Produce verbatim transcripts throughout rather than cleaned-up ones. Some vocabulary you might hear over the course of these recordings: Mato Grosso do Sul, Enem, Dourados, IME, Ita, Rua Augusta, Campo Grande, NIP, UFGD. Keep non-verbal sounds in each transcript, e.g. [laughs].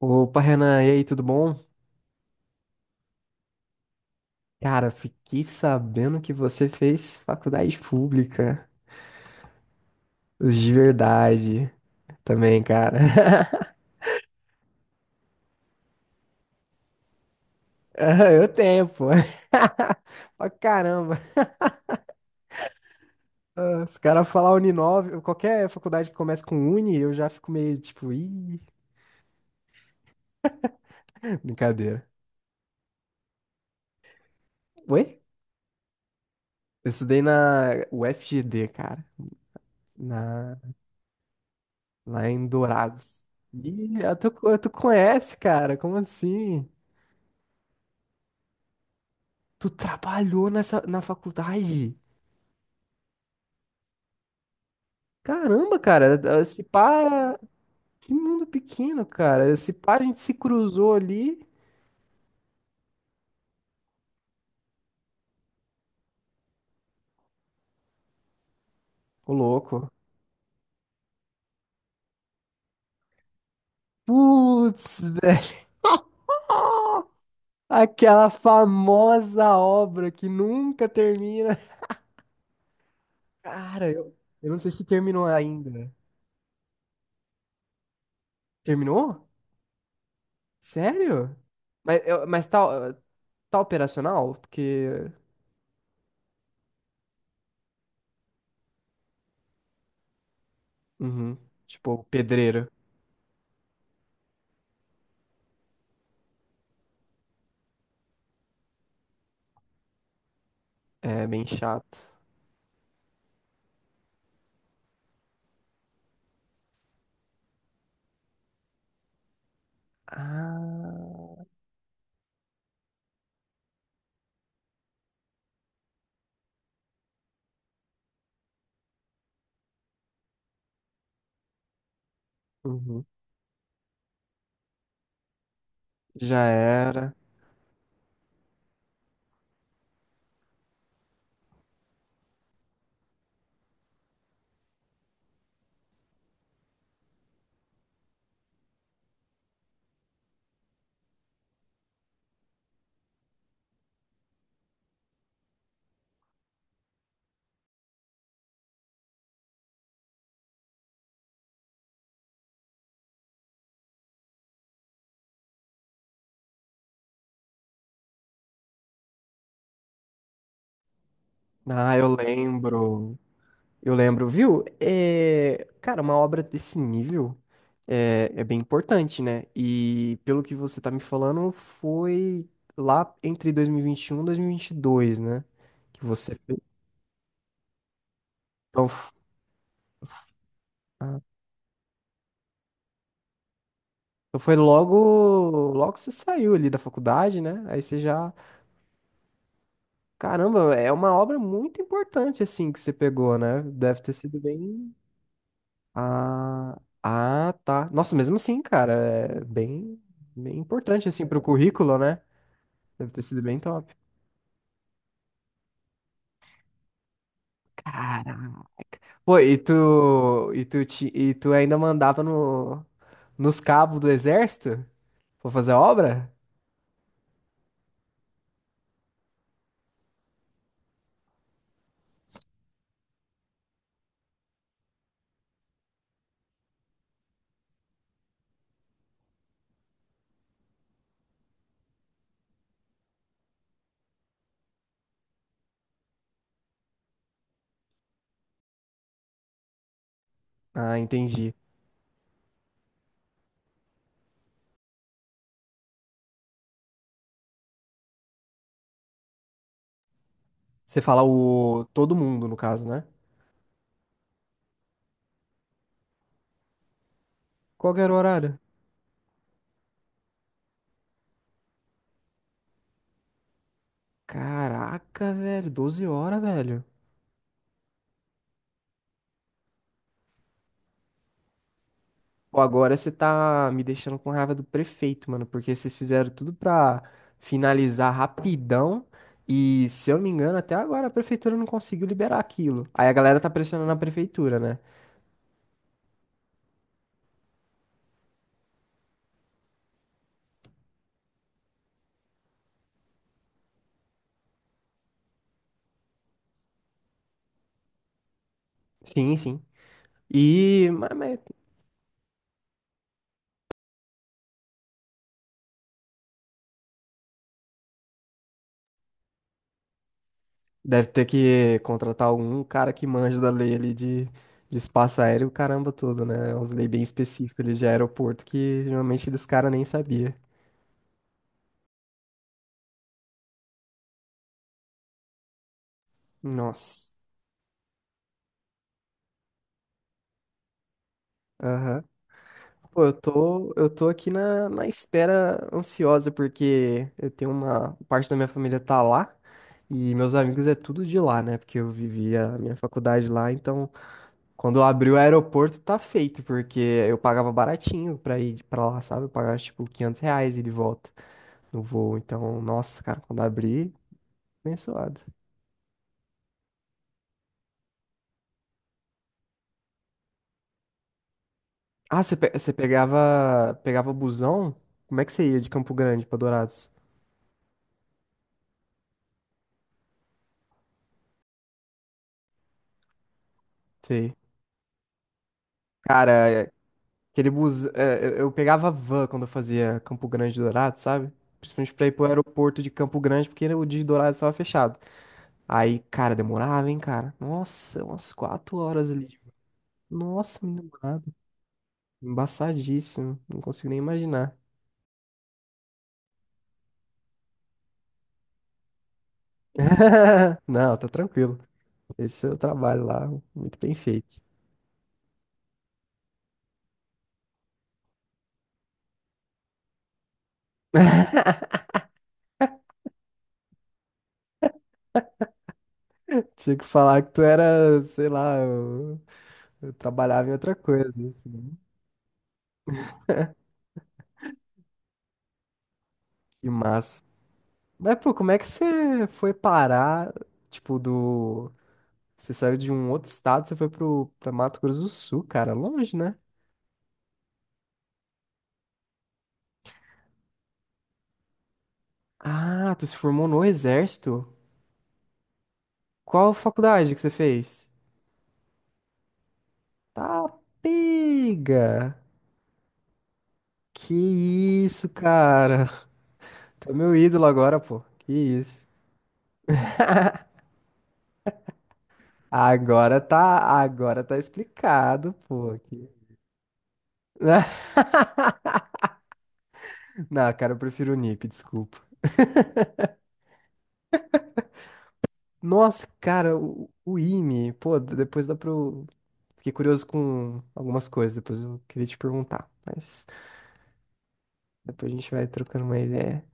Opa, Renan, e aí, tudo bom? Cara, fiquei sabendo que você fez faculdade pública. Os de verdade também, cara. [laughs] Ah, eu tenho, pô. [laughs] Pra caramba. Ah, os caras falar Uninove, qualquer faculdade que comece com Uni, eu já fico meio tipo, ih, brincadeira. Oi? Eu estudei na U F G D, cara, na... lá em Dourados. Ih, ah, tu, tu conhece, cara? Como assim? Tu trabalhou nessa, na faculdade? Caramba, cara, se pá, que mundo pequeno, cara. Se pá, a gente se cruzou ali. Ô, louco. Putz, velho. [laughs] Aquela famosa obra que nunca termina. Cara, eu, eu não sei se terminou ainda. Terminou? Sério? Mas, eu- mas tá, tá operacional? Porque. Uhum. Tipo, pedreiro. É bem chato. Ah. Uhum. Já era. Ah, eu lembro. Eu lembro, viu? É, cara, uma obra desse nível é, é bem importante, né? E pelo que você tá me falando, foi lá entre dois mil e vinte e um e dois mil e vinte e dois, né? Que você fez. Então, f- ah, então foi logo, logo que você saiu ali da faculdade, né? Aí você já. Caramba, é uma obra muito importante, assim, que você pegou, né? Deve ter sido bem. Ah, ah, tá. Nossa, mesmo assim, cara, é bem, bem, importante assim pro currículo, né? Deve ter sido bem top. Caraca. Pô, e tu, e tu, te, e tu ainda mandava no, nos cabos do exército pra fazer a obra? Ah, entendi. Você fala o todo mundo, no caso, né? Qual que era o horário? Caraca, velho, doze horas, velho. Pô, agora você tá me deixando com raiva do prefeito, mano, porque vocês fizeram tudo pra finalizar rapidão e, se eu não me engano, até agora a prefeitura não conseguiu liberar aquilo. Aí a galera tá pressionando a prefeitura, né? Sim, sim. E, mas, mas deve ter que contratar algum cara que manja da lei ali de, de espaço aéreo, caramba todo, né? É umas leis bem específicas ali de aeroporto que geralmente eles cara nem sabia. Nossa. Aham. Pô, eu tô, eu tô aqui na, na espera ansiosa, porque eu tenho uma parte da minha família tá lá e meus amigos é tudo de lá, né? Porque eu vivi a minha faculdade lá, então quando abriu o aeroporto tá feito, porque eu pagava baratinho pra ir de- pra lá, sabe? Eu pagava tipo quinhentos reais e de volta no voo, então, nossa, cara, quando abri, abençoado. Ah, você pe- você pegava, pegava busão? Como é que você ia de Campo Grande pra Dourados? Sei. Cara, aquele bus... é, eu eu pegava van quando eu fazia Campo Grande Dourado, sabe? Principalmente pra ir pro aeroporto de Campo Grande, porque o de Dourado estava fechado. Aí, cara, demorava, hein, cara? Nossa, umas quatro horas ali. de- Nossa, me demorado. Embaçadíssimo. Não consigo nem imaginar. [laughs] Não, tá tranquilo. Esse é o trabalho lá, muito bem feito. [laughs] Tinha que falar que tu era, sei lá, eu, eu trabalhava em outra coisa, assim. Que massa. Mas, pô, como é que você foi parar, tipo, do... Você saiu de um outro estado, você foi pro... pra Mato Grosso do Sul, cara, longe, né? Ah, tu se formou no Exército? Qual faculdade que você fez? Tá, pega! Que isso, cara! [laughs] Tu é meu ídolo agora, pô. Que isso. Agora tá... Agora tá explicado, pô. Que- [laughs] Não, cara, eu prefiro o N I P, desculpa. Nossa, cara, o, o ime, pô, depois dá pra Fiquei curioso com algumas coisas, depois eu queria te perguntar, mas depois a gente vai trocando uma ideia.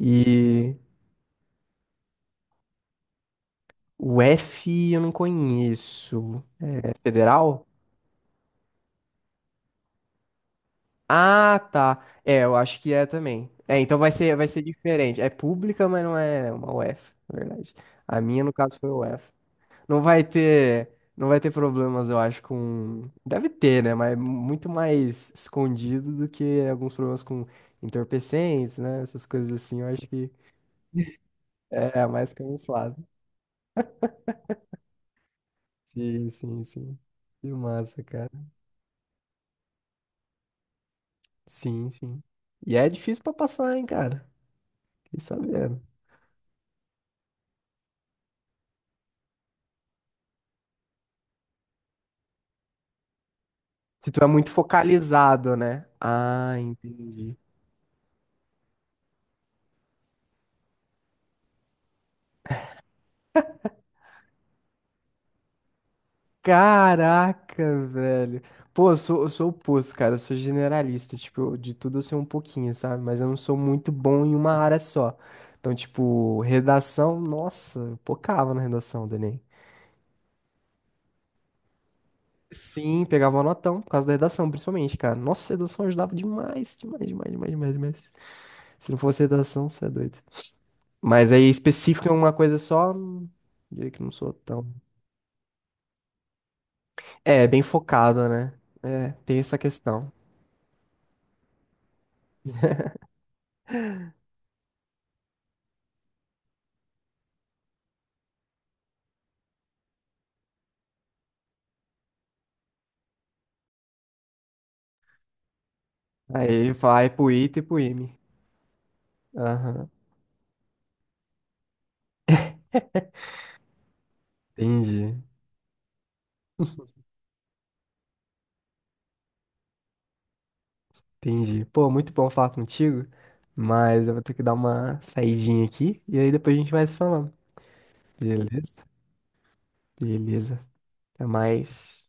E o F eu não conheço. É federal? Ah, tá. É, eu acho que é também. É, então vai ser, vai ser, diferente. É pública, mas não é uma U F, na verdade. A minha, no caso, foi U F. Não vai ter, não vai ter problemas, eu acho, com. Deve ter, né? Mas muito mais escondido do que alguns problemas com entorpecentes, né? Essas coisas assim, eu acho que é, a mais camuflada. Sim, sim, sim. Que massa, cara. Sim, sim. E é difícil pra passar, hein, cara. Fiquei sabendo. Se tu é muito focalizado, né? Ah, entendi. Caraca, velho. Pô, eu sou, eu sou o oposto, cara. Eu sou generalista. Tipo, eu- de tudo eu sei um pouquinho, sabe? Mas eu não sou muito bom em uma área só. Então, tipo, redação, nossa, eu pocava na redação do Enem. Sim, pegava um notão por causa da redação, principalmente, cara. Nossa, a redação ajudava demais, demais, demais, demais, demais, demais. Se não fosse redação, você é doido. Mas aí, específico em uma coisa só, hum, diria que não sou tão. É, bem focado, né? É, tem essa questão. Aí vai pro Ita e pro I M E. Aham, entendi, entendi. Pô, muito bom falar contigo, mas eu vou ter que dar uma saidinha aqui e aí depois a gente vai se falando. Beleza? Beleza. Até mais.